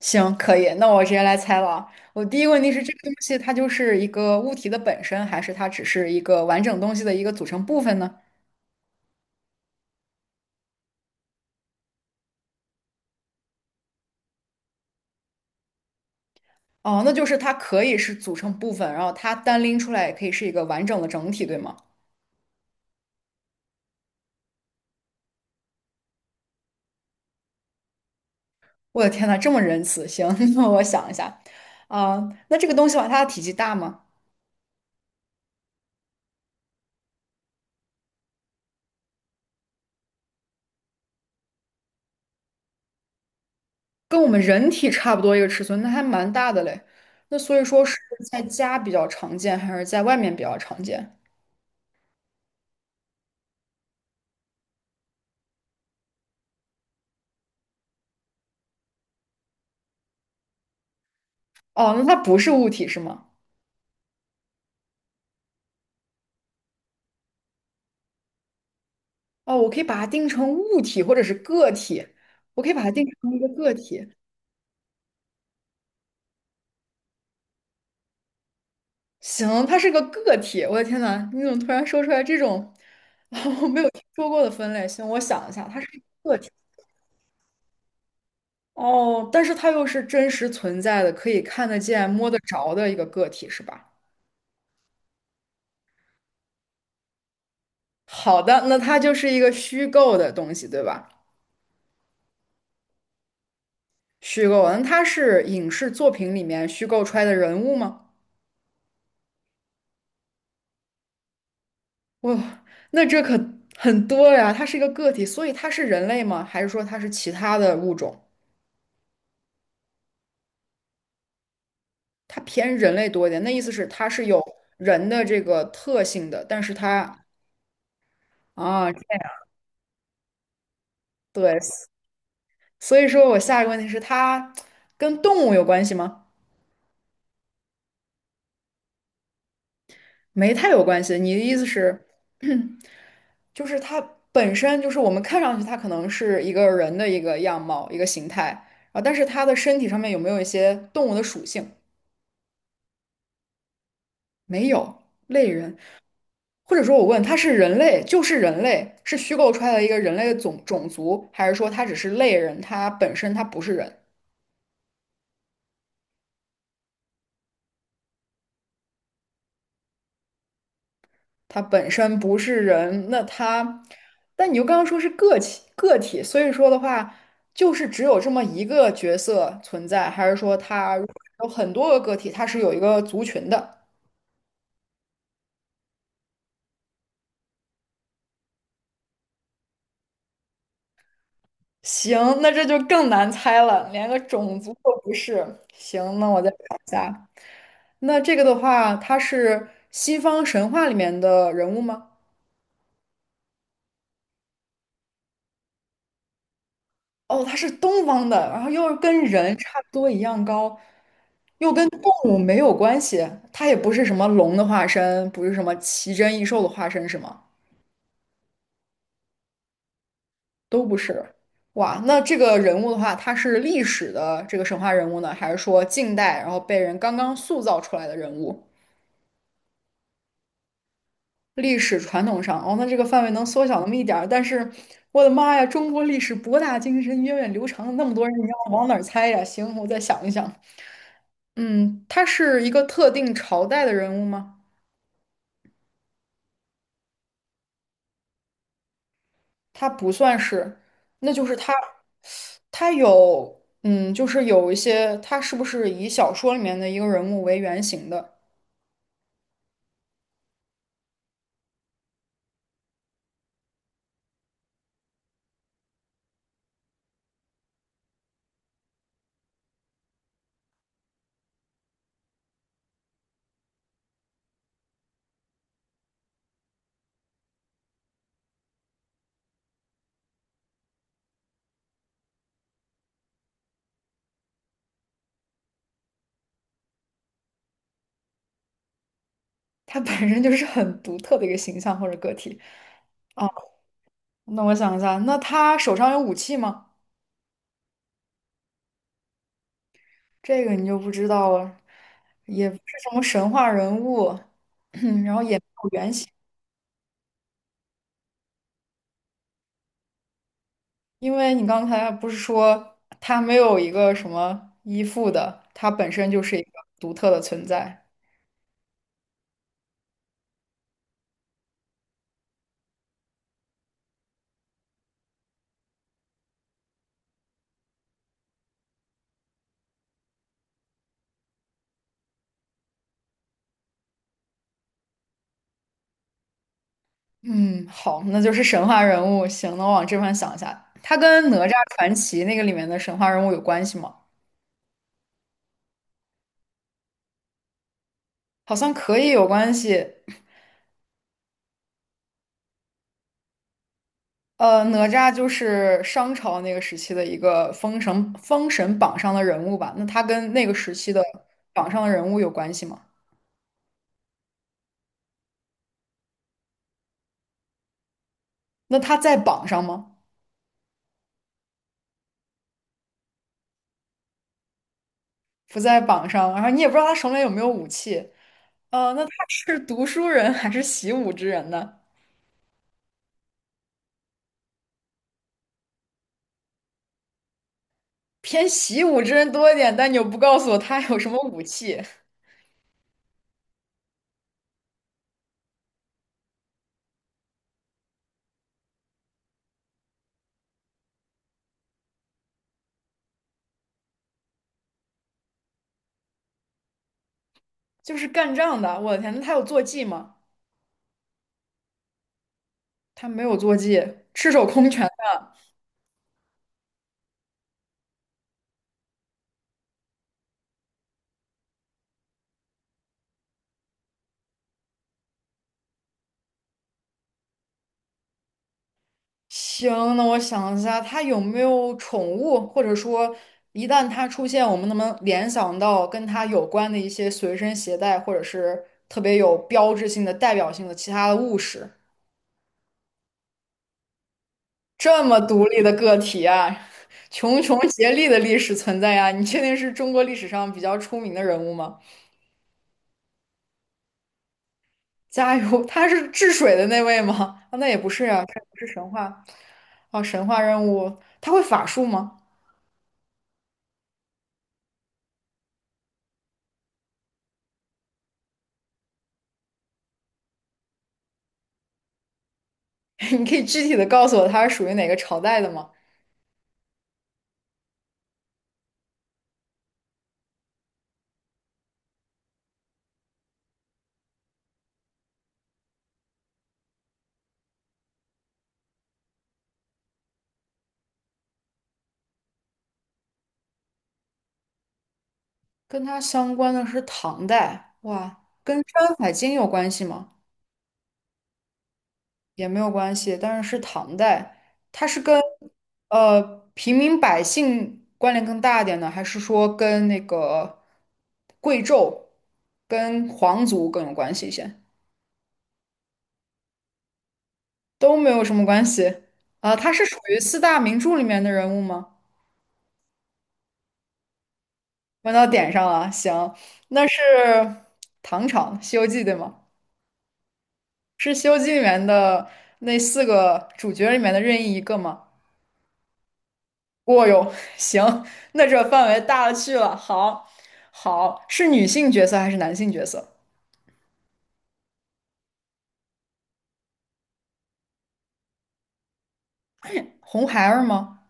行，可以，那我直接来猜了啊。我第一个问题是，这个东西它就是一个物体的本身，还是它只是一个完整东西的一个组成部分呢？哦，那就是它可以是组成部分，然后它单拎出来也可以是一个完整的整体，对吗？我的天呐，这么仁慈！行，那我想一下，啊、那这个东西的话，它的体积大吗？跟我们人体差不多一个尺寸，那还蛮大的嘞。那所以说是在家比较常见，还是在外面比较常见？哦，那它不是物体是吗？哦，我可以把它定成物体或者是个体，我可以把它定成一个个体。行，它是个个体。我的天呐，你怎么突然说出来这种 我没有听说过的分类？行，我想一下，它是一个个体。哦，但是它又是真实存在的，可以看得见、摸得着的一个个体，是吧？好的，那它就是一个虚构的东西，对吧？虚构，那它是影视作品里面虚构出来的人物吗？哇，那这可很多呀！它是一个个体，所以它是人类吗？还是说它是其他的物种？它偏人类多一点，那意思是它是有人的这个特性的，但是它啊，这样对，所以说我下一个问题是它跟动物有关系吗？没太有关系。你的意思是，就是它本身就是我们看上去它可能是一个人的一个样貌、一个形态，啊，但是它的身体上面有没有一些动物的属性？没有，类人。或者说我问他是人类，就是人类，是虚构出来的一个人类的种族，还是说他只是类人，他本身他不是人，他本身不是人，那他，但你又刚刚说是个体个体，所以说的话，就是只有这么一个角色存在，还是说他如果有很多个个体，他是有一个族群的？行，那这就更难猜了，连个种族都不是。行，那我再想一下。那这个的话，他是西方神话里面的人物吗？哦，他是东方的，然后又跟人差不多一样高，又跟动物没有关系，他也不是什么龙的化身，不是什么奇珍异兽的化身，是吗？都不是。哇，那这个人物的话，他是历史的这个神话人物呢，还是说近代然后被人刚刚塑造出来的人物？历史传统上，哦，那这个范围能缩小那么一点儿，但是我的妈呀，中国历史博大精深，源远流长，那么多人，你让我往哪儿猜呀？行，我再想一想。嗯，他是一个特定朝代的人物吗？他不算是，那就是他，他有，嗯，就是有一些，他是不是以小说里面的一个人物为原型的？他本身就是很独特的一个形象或者个体啊。那我想一下，那他手上有武器吗？这个你就不知道了，也不是什么神话人物，然后也没有原型，因为你刚才不是说他没有一个什么依附的，他本身就是一个独特的存在。嗯，好，那就是神话人物。行，那我往这方想一下，他跟《哪吒传奇》那个里面的神话人物有关系吗？好像可以有关系，呃，哪吒就是商朝那个时期的一个封神榜上的人物吧？那他跟那个时期的榜上的人物有关系吗？那他在榜上吗？不在榜上，然后你也不知道他手里有没有武器。呃，那他是读书人还是习武之人呢？偏习武之人多一点，但你又不告诉我他有什么武器，就是干仗的。我的天，那他有坐骑吗？他没有坐骑，赤手空拳。行，那我想一下，他有没有宠物，或者说一旦他出现，我们能不能联想到跟他有关的一些随身携带，或者是特别有标志性的、代表性的其他的物事？这么独立的个体啊，穷竭力的历史存在呀，你确定是中国历史上比较出名的人物吗？加油，他是治水的那位吗？啊，那也不是啊，他不是神话。哦，神话任务，他会法术吗？你可以具体的告诉我它是属于哪个朝代的吗？跟它相关的是唐代，哇，跟《山海经》有关系吗？也没有关系，但是是唐代，它是跟平民百姓关联更大一点呢，还是说跟那个贵胄、跟皇族更有关系一些？都没有什么关系啊，他是属于四大名著里面的人物吗？问到点上了，行，那是唐朝《西游记》对吗？是《西游记》里面的那四个主角里面的任意一个吗？哦哟，行，那这范围大了去了。好，好，是女性角色还是男性角色？红孩儿吗？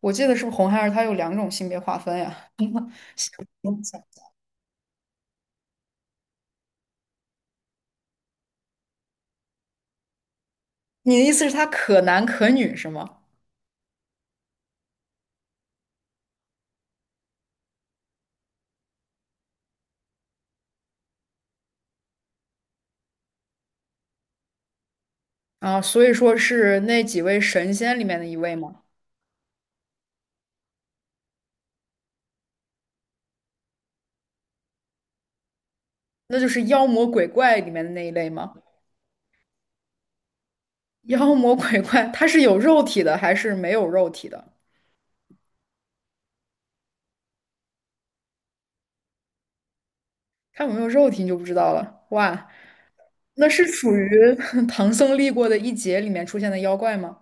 我记得是不是红孩儿他有两种性别划分呀？嗯你的意思是他可男可女是吗？啊，所以说是那几位神仙里面的一位吗？那就是妖魔鬼怪里面的那一类吗？妖魔鬼怪，他是有肉体的还是没有肉体的？它有没有肉体你就不知道了。哇，那是属于 唐僧历过的一劫里面出现的妖怪吗？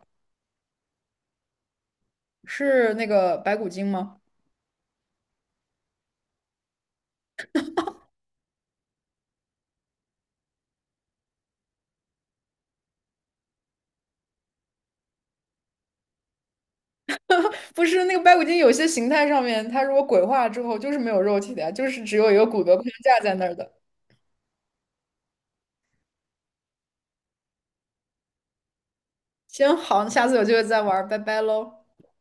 是那个白骨精吗？不是，那个白骨精有些形态上面，它如果鬼化之后就是没有肉体的呀，就是只有一个骨骼框架在那儿的。行，好，下次有机会再玩儿拜拜喽。